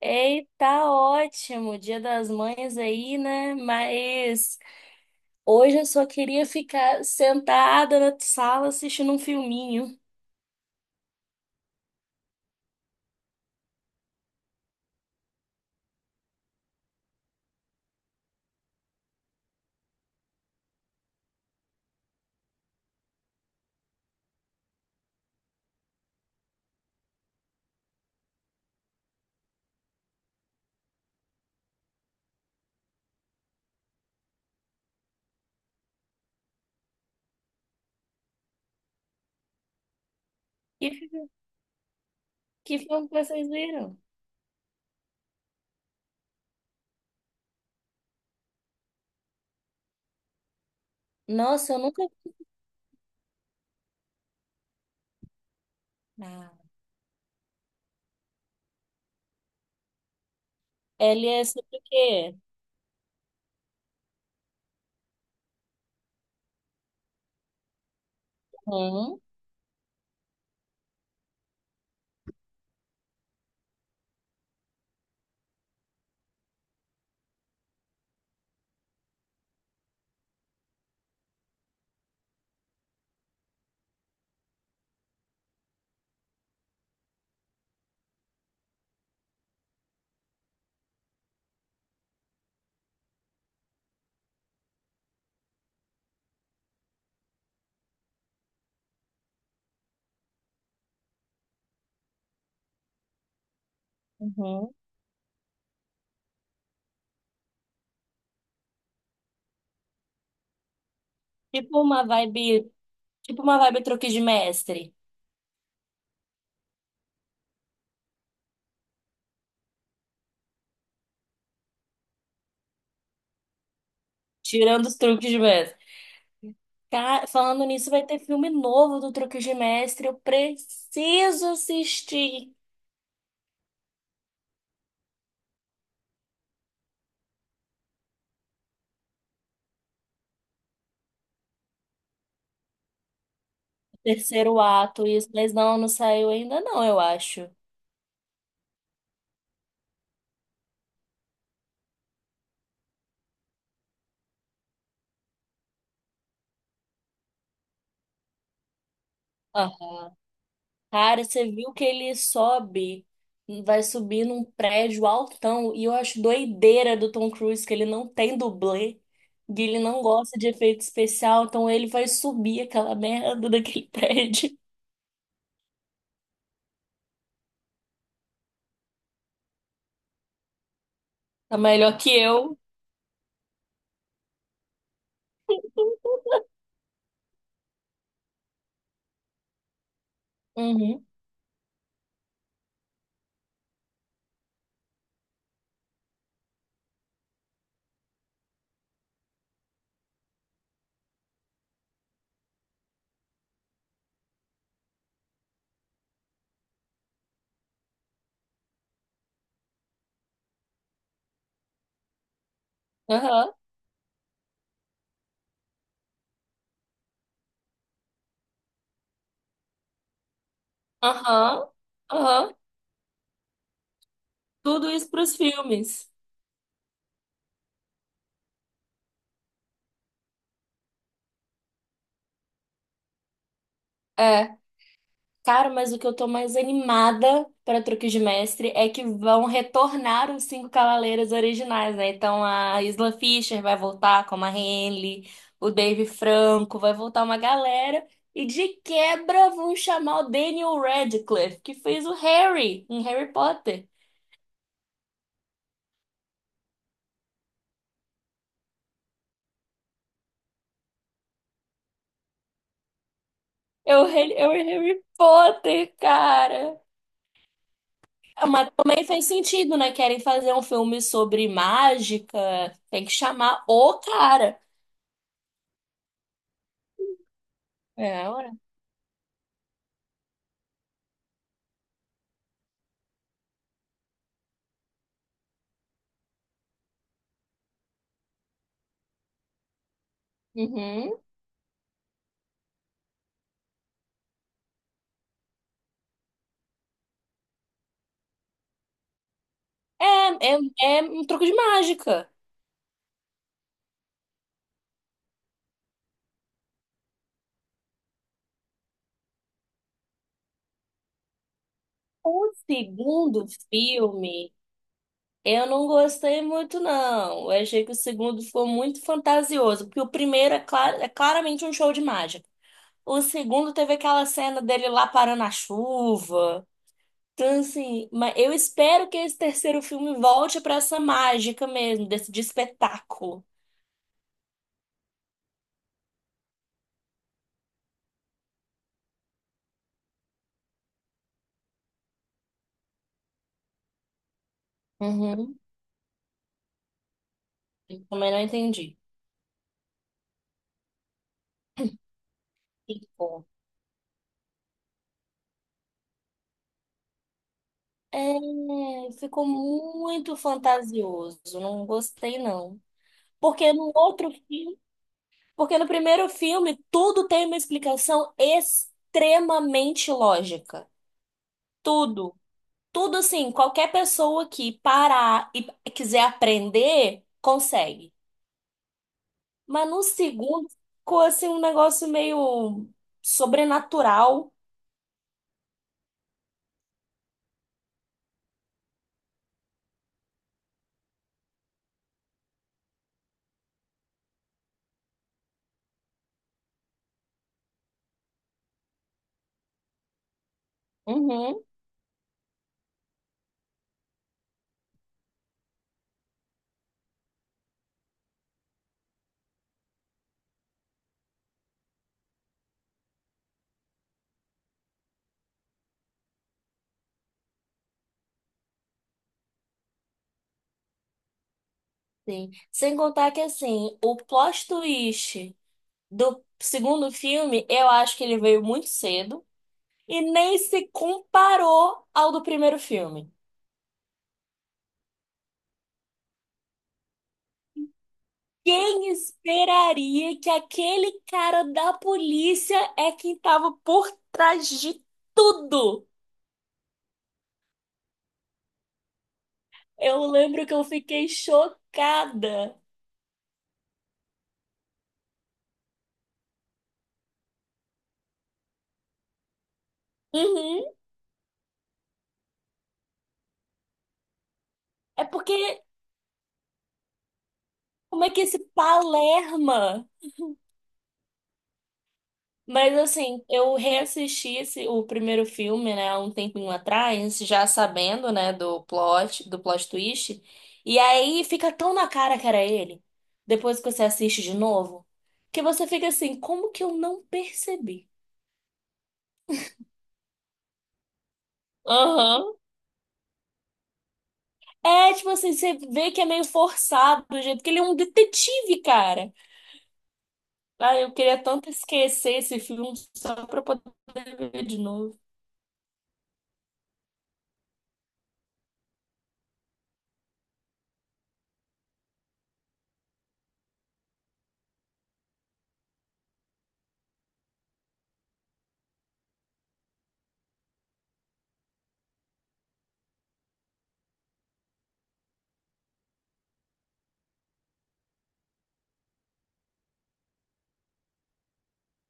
Ei, tá ótimo, Dia das Mães aí, né? Mas hoje eu só queria ficar sentada na sala assistindo um filminho. Que, fi- que filme que vocês viram? Nossa, eu nunca. Ah, ele é sobre o quê? Uhum, uhum. Tipo uma vibe, tipo uma vibe truque de mestre, tirando os truques de mestre. Falando nisso, vai ter filme novo do Truque de Mestre. Eu preciso assistir. Terceiro ato, isso, mas não saiu ainda não, eu acho. Aham. Cara, você viu que ele sobe, vai subir num prédio altão, e eu acho doideira do Tom Cruise que ele não tem dublê, que ele não gosta de efeito especial, então ele vai subir aquela merda daquele prédio. Tá melhor que eu. Uhum. Aham. Aham. Aham. Tudo isso pros filmes. É. Cara, mas o que eu tô mais animada para Truques de Mestre é que vão retornar os cinco cavaleiros originais, né? Então a Isla Fisher vai voltar como a Henley, o Dave Franco, vai voltar uma galera. E de quebra vão chamar o Daniel Radcliffe, que fez o Harry em Harry Potter. É o Harry Potter, cara. Mas também faz sentido, né? Querem fazer um filme sobre mágica, tem que chamar o cara. É, ora. Uhum. É, é, é um truque de mágica. O segundo filme, eu não gostei muito, não. Eu achei que o segundo ficou muito fantasioso, porque o primeiro é, é claramente um show de mágica. O segundo teve aquela cena dele lá parando a chuva. Então, assim, mas eu espero que esse terceiro filme volte pra essa mágica mesmo, desse de espetáculo. Uhum. Eu também não entendi. É, ficou muito fantasioso, não gostei não. Porque no outro filme, porque no primeiro filme tudo tem uma explicação extremamente lógica. Tudo, tudo assim, qualquer pessoa que parar e quiser aprender, consegue. Mas no segundo ficou assim um negócio meio sobrenatural. Uhum, sim. Sem contar que assim, o plot twist do segundo filme, eu acho que ele veio muito cedo e nem se comparou ao do primeiro filme. Quem esperaria que aquele cara da polícia é quem tava por trás de tudo? Eu lembro que eu fiquei chocada. Uhum. É porque como é que esse Palerma. Mas assim, eu reassisti esse, o primeiro filme, né, há um tempinho atrás, já sabendo, né, do plot twist, e aí fica tão na cara que era ele, depois que você assiste de novo, que você fica assim, como que eu não percebi? Aham. É, tipo assim, você vê que é meio forçado do jeito que ele é um detetive, cara. Ah, eu queria tanto esquecer esse filme só pra poder ver de novo.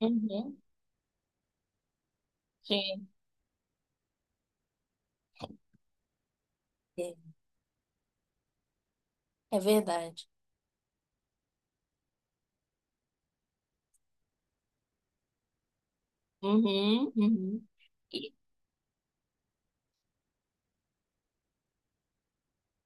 Uhum. Sim. É é verdade. Uhum. Uhum. E,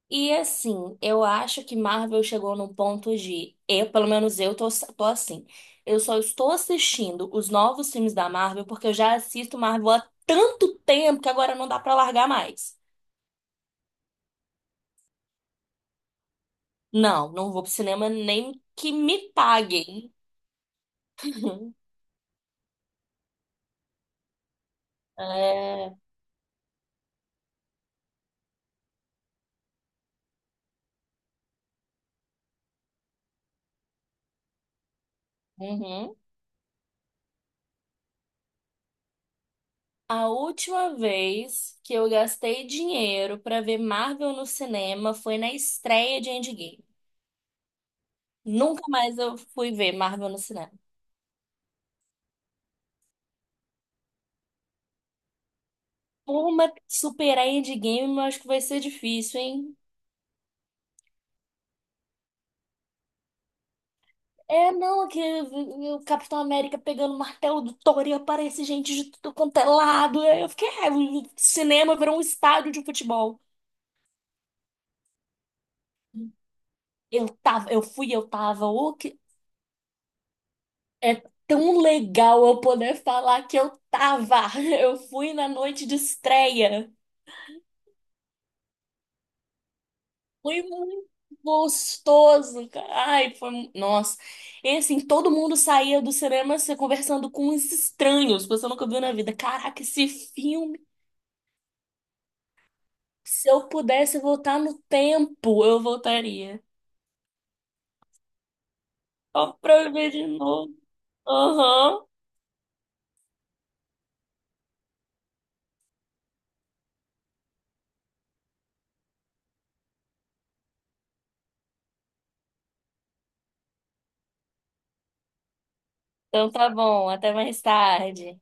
e assim, eu acho que Marvel chegou num ponto de. Eu, pelo menos eu tô, tô assim. Eu só estou assistindo os novos filmes da Marvel porque eu já assisto Marvel há tanto tempo que agora não dá pra largar mais. Não vou pro cinema nem que me paguem. É, uhum. A última vez que eu gastei dinheiro pra ver Marvel no cinema foi na estreia de Endgame. Nunca mais eu fui ver Marvel no cinema. Turma, superar Endgame, eu acho que vai ser difícil, hein? É, não, é que o Capitão América pegando o martelo do Thor e aparece gente de tudo quanto é lado. Eu fiquei, é, o cinema virou um estádio de futebol. Eu tava, eu fui, eu tava. O que é tão legal eu poder falar que eu tava. Eu fui na noite de estreia. Foi muito gostoso, cara. Nossa. E assim, todo mundo saía do cinema se conversando com uns estranhos, que você nunca viu na vida. Caraca, esse filme, se eu pudesse voltar no tempo, eu voltaria. Só pra eu ver de novo. Aham. Então tá bom, até mais tarde.